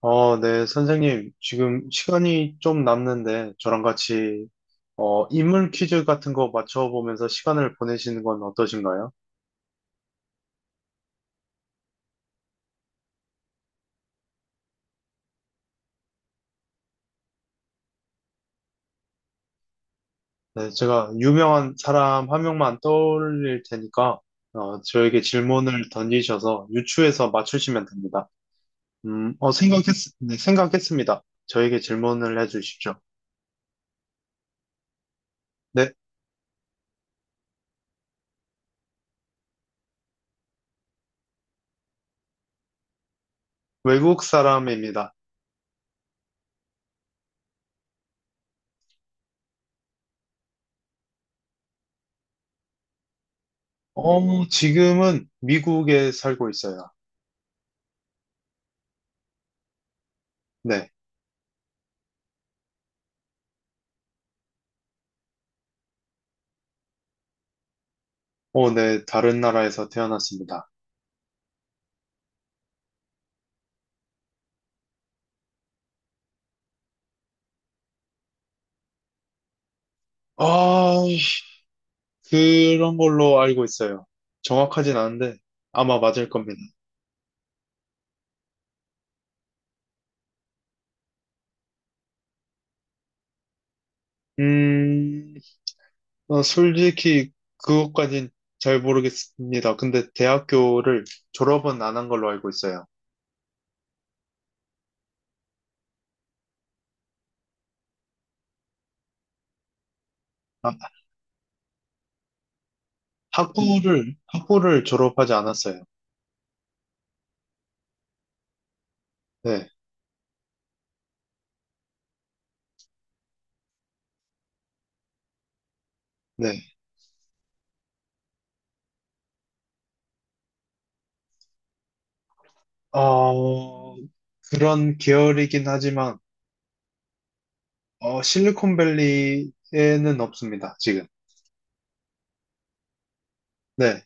선생님. 지금 시간이 좀 남는데 저랑 같이 인물 퀴즈 같은 거 맞춰보면서 시간을 보내시는 건 어떠신가요? 네, 제가 유명한 사람 한 명만 떠올릴 테니까 저에게 질문을 던지셔서 유추해서 맞추시면 됩니다. 음, 어, 생각했, 네, 생각했습니다. 저에게 질문을 해주십시오. 네, 외국 사람입니다. 지금은 미국에 살고 있어요. 네, 네, 다른 나라에서 태어났습니다. 아, 그런 걸로 알고 있어요. 정확하진 않은데 아마 맞을 겁니다. 음, 솔직히 그것까진 잘 모르겠습니다. 근데 대학교를 졸업은 안 한 걸로 알고 있어요. 아, 학부를 졸업하지 않았어요. 네, 네. 어, 그런 계열이긴 하지만, 실리콘밸리에는 없습니다, 지금. 네,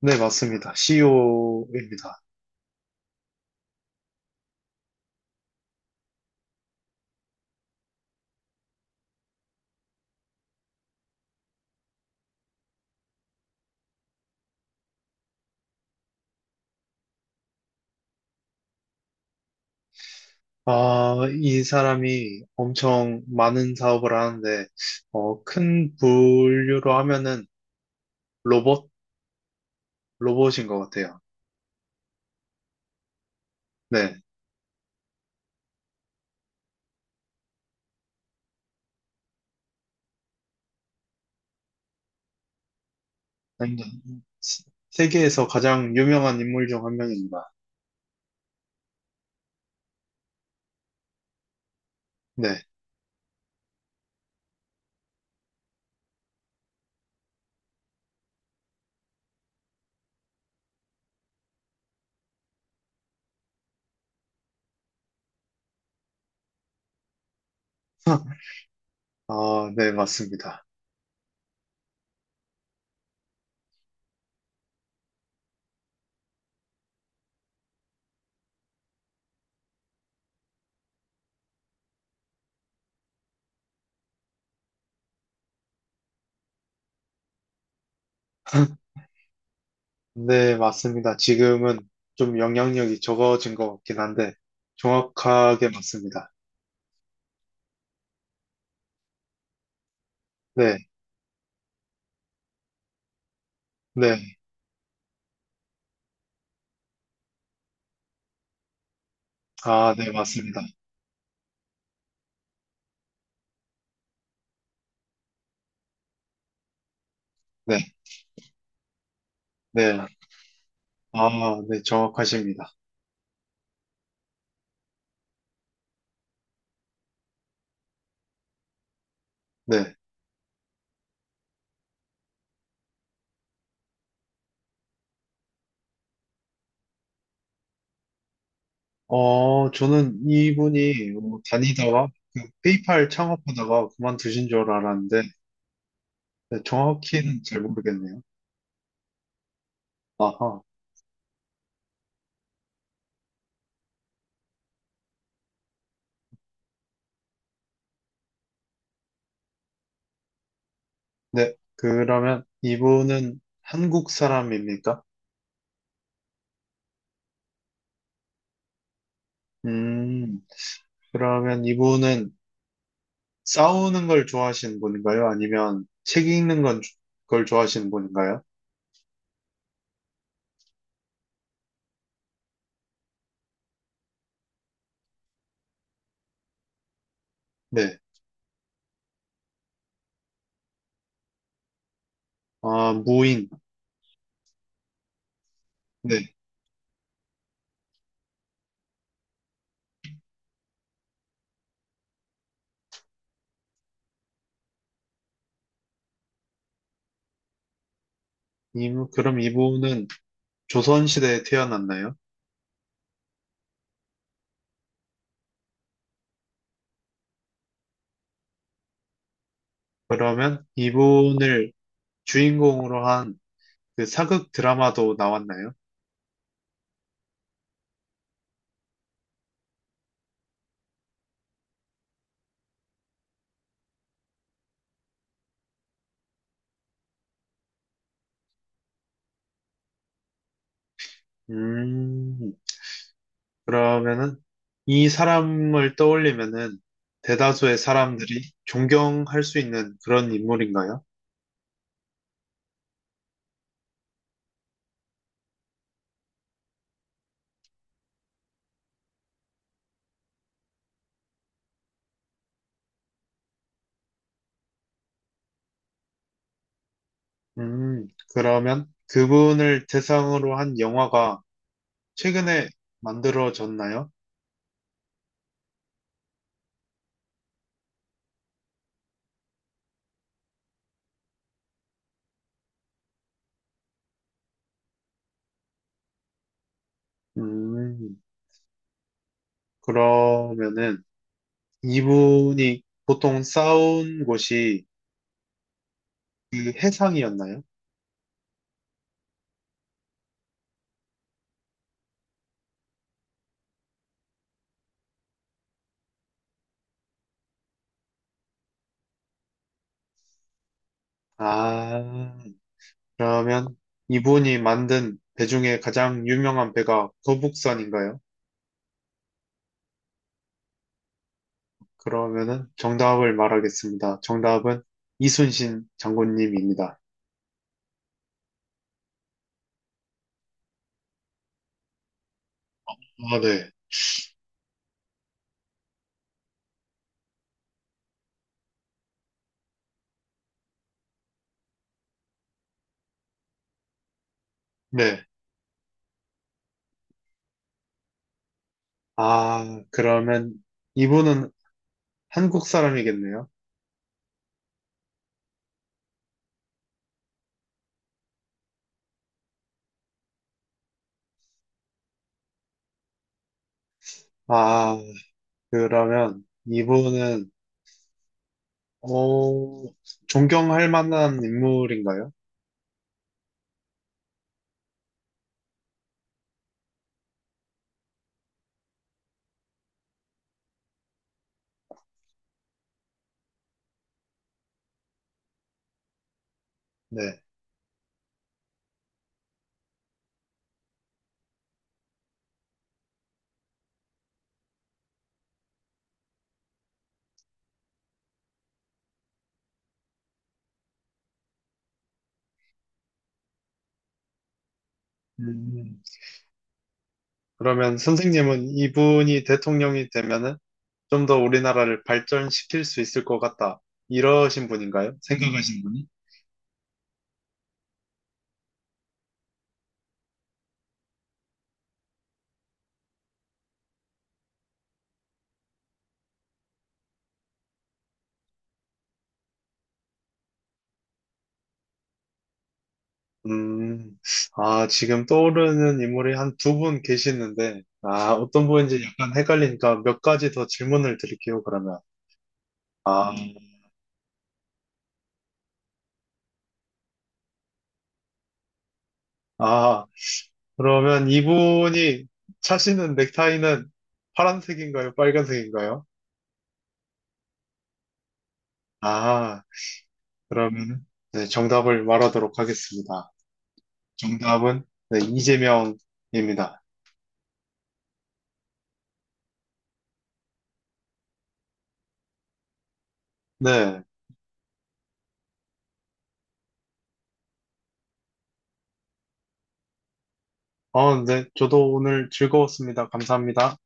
네, 맞습니다. CEO입니다. 아, 이 사람이 엄청 많은 사업을 하는데, 큰 분류로 하면은 로봇, 로봇인 것 같아요. 네. 아니, 시- 세계에서 가장 유명한 인물 중 한 명입니다. 네. 아, 네, 맞습니다. 네, 맞습니다. 지금은 좀 영향력이 적어진 것 같긴 한데, 정확하게 맞습니다. 네, 네. 아, 네, 맞습니다. 네, 네. 아, 네, 정확하십니다. 네. 어, 저는 이분이 뭐 다니다가 그 페이팔 창업하다가 그만두신 줄 알았는데 네, 정확히는 잘 모르겠네요. 아하. 네, 그러면 이분은 한국 사람입니까? 음, 그러면 이분은 싸우는 걸 좋아하시는 분인가요? 아니면 걸 좋아하시는 분인가요? 네. 아, 무인. 네. 그럼 이분은 조선시대에 태어났나요? 그러면 이분을 주인공으로 한 그 사극 드라마도 나왔나요? 음, 그러면은 이 사람을 떠올리면은 대다수의 사람들이 존경할 수 있는 그런 인물인가요? 음, 그러면 그분을 대상으로 한 영화가 최근에 만들어졌나요? 음, 그러면은 이분이 보통 싸운 곳이 그 해상이었나요? 아, 그러면 이분이 만든 배 중에 가장 유명한 배가 도북선인가요? 그러면은 정답을 말하겠습니다. 정답은 이순신 장군님입니다. 아, 네. 네. 아, 그러면 이분은 한국 사람이겠네요. 아, 그러면 어, 존경할 만한 인물인가요? 네. 음, 그러면 선생님은 이분이 대통령이 되면은 좀 더 우리나라를 발전시킬 수 있을 것 같다. 이러신 분인가요? 생각하신 분이? 음, 아, 지금 떠오르는 인물이 한 두 분 계시는데, 아, 어떤 분인지 약간 헷갈리니까 몇 가지 더 질문을 드릴게요, 그러면. 아, 아, 그러면 이분이 차시는 넥타이는 파란색인가요? 빨간색인가요? 아, 그러면 네, 정답을 말하도록 하겠습니다. 정답은, 네, 이재명입니다. 네. 어, 네, 저도 오늘 즐거웠습니다. 감사합니다.